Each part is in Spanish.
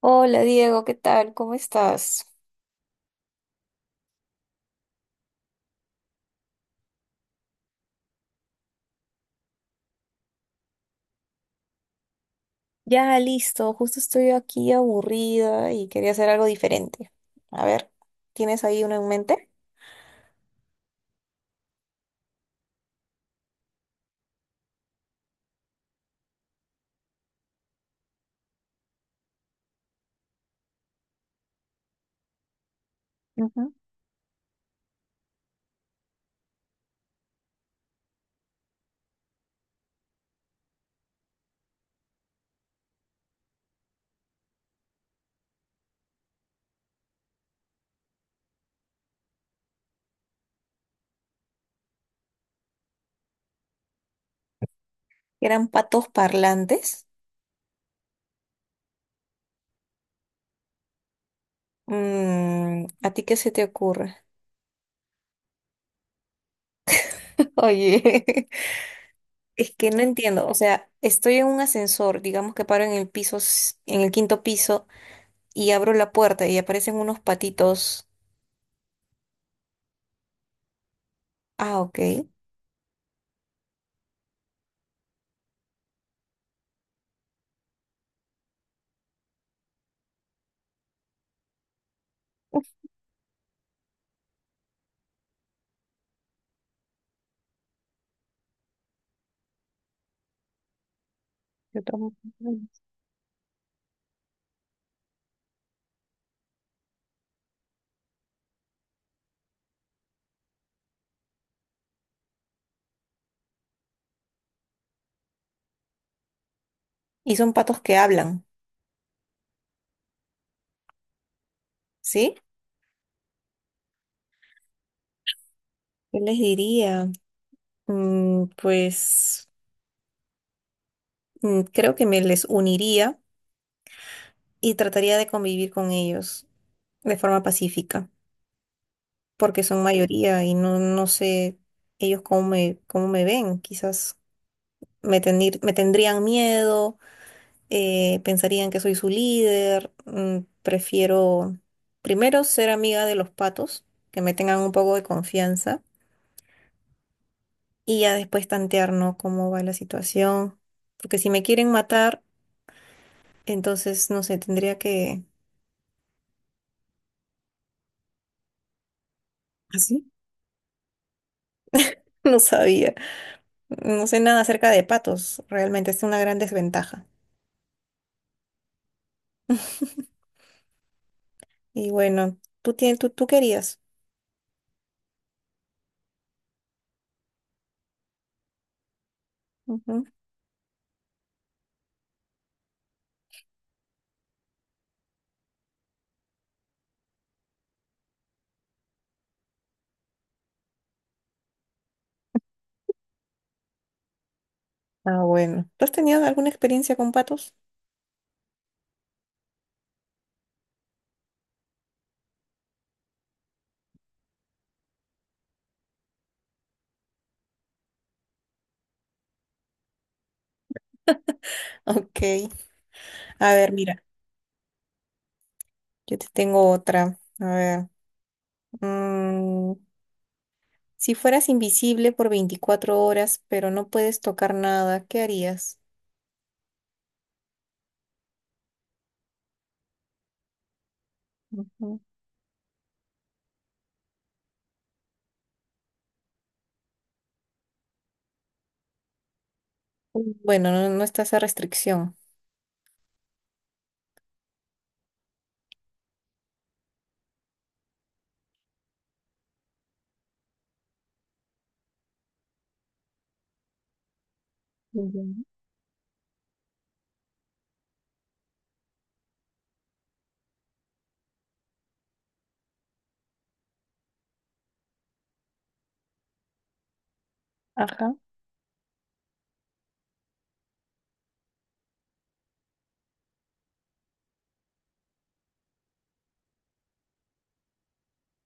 Hola Diego, ¿qué tal? ¿Cómo estás? Ya listo, justo estoy aquí aburrida y quería hacer algo diferente. A ver, ¿tienes ahí uno en mente? Ujú. Eran patos parlantes. ¿A ti qué se te ocurre? Oye, es que no entiendo, o sea, estoy en un ascensor, digamos que paro en el piso, en el quinto piso y abro la puerta y aparecen unos patitos. Ah, ok. Yo tomo- Y son patos que hablan, ¿sí? ¿Qué les diría? Pues creo que me les uniría y trataría de convivir con ellos de forma pacífica, porque son mayoría y no sé ellos cómo me ven. Quizás me tendrían miedo, pensarían que soy su líder. Prefiero primero ser amiga de los patos, que me tengan un poco de confianza y ya después tantear, ¿no? Cómo va la situación. Porque si me quieren matar, entonces, no sé, tendría que… ¿Así? No sabía. No sé nada acerca de patos. Realmente es una gran desventaja. Y bueno, tú querías. Ujú. Ah, bueno. ¿Tú has tenido alguna experiencia con patos? Ok. A ver, mira, yo te tengo otra. A ver. mm, si fueras invisible por 24 horas, pero no puedes tocar nada, ¿qué harías? Ujú. Bueno, no, no está esa restricción. Ya. Ajá.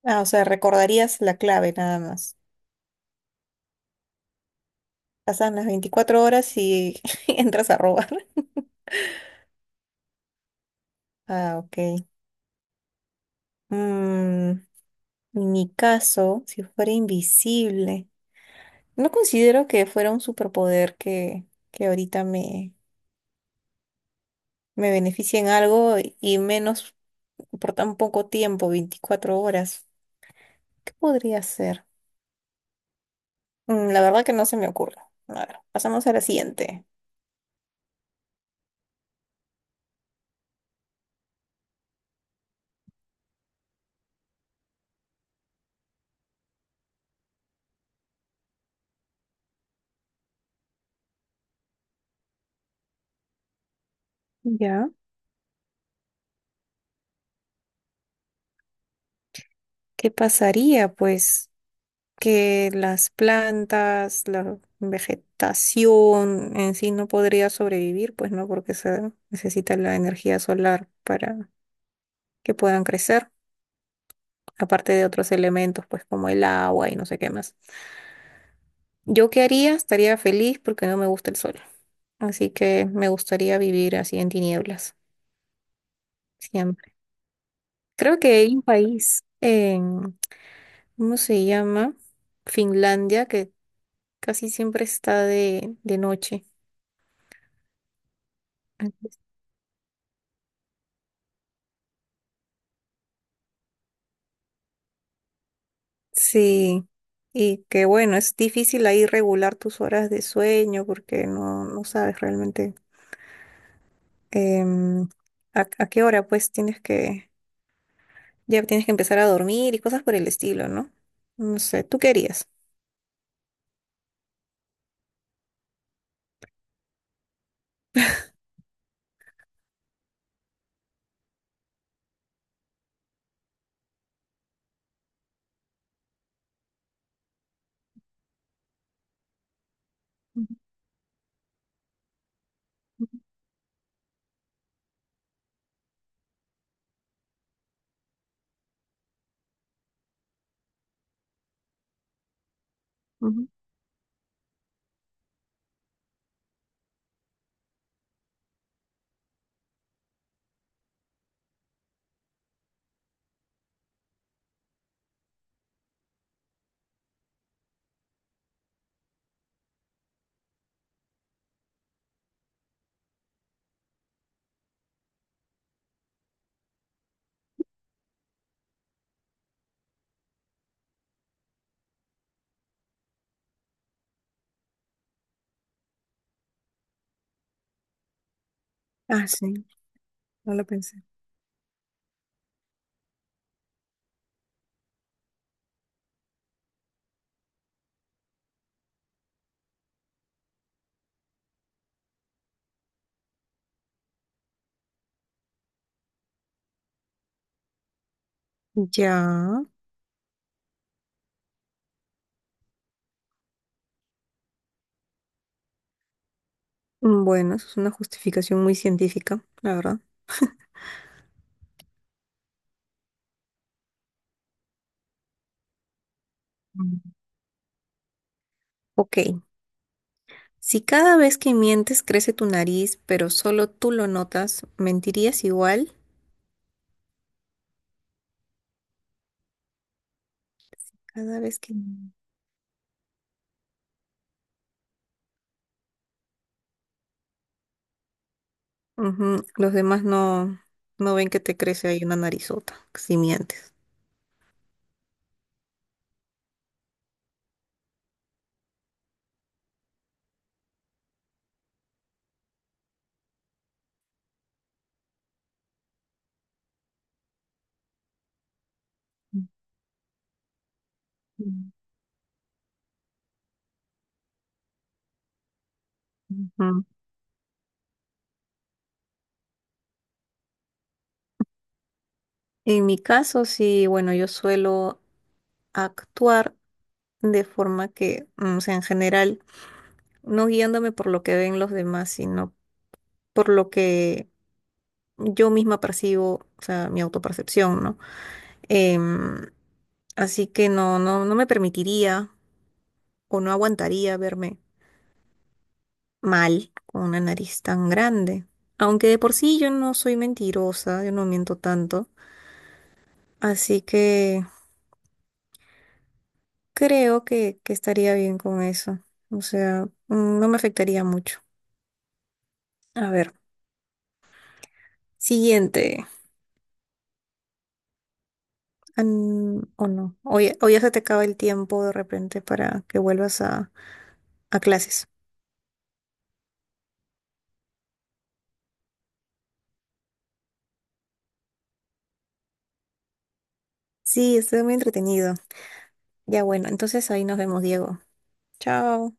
Ah, o sea, recordarías la clave nada más. Pasan las 24 horas y entras a robar. Ah, ok. Mm, en mi caso, si fuera invisible, no considero que fuera un superpoder que ahorita me beneficie en algo y menos por tan poco tiempo, 24 horas. ¿Qué podría ser? La verdad que no se me ocurre. A ver, pasamos a la siguiente. Ya. ¿Qué pasaría, pues? Que las plantas, la vegetación en sí no podría sobrevivir, pues no, porque se necesita la energía solar para que puedan crecer, aparte de otros elementos, pues como el agua y no sé qué más. ¿Yo qué haría? Estaría feliz porque no me gusta el sol, así que me gustaría vivir así en tinieblas, siempre. Creo que hay un país en, ¿cómo se llama? Finlandia, que casi siempre está de, noche. Sí, y que bueno, es difícil ahí regular tus horas de sueño porque no sabes realmente em, a qué hora pues tienes que, ya tienes que empezar a dormir y cosas por el estilo, ¿no? No sé, ¿tú querías? Ujú. Ah, sí, no lo pensé. Ya. Bueno, eso es una justificación muy científica, la verdad. Mm. Ok. Si cada vez que mientes crece tu nariz, pero solo tú lo notas, ¿mentirías igual? Cada vez que… Ujú, los demás no ven que te crece ahí una narizota, si mientes. Mm. Ujú. En mi caso, sí, bueno, yo suelo actuar de forma que, o sea, en general, no guiándome por lo que ven los demás, sino por lo que yo misma percibo, o sea, mi autopercepción, ¿no? Em, así que no, no, no me permitiría o no aguantaría verme mal con una nariz tan grande. Aunque de por sí yo no soy mentirosa, yo no miento tanto. Así que creo que estaría bien con eso. O sea, no me afectaría mucho. A ver, siguiente. O no. O ya se te acaba el tiempo de repente para que vuelvas a, clases. Sí, estoy muy entretenido. Ya bueno, entonces ahí nos vemos, Diego. Chao.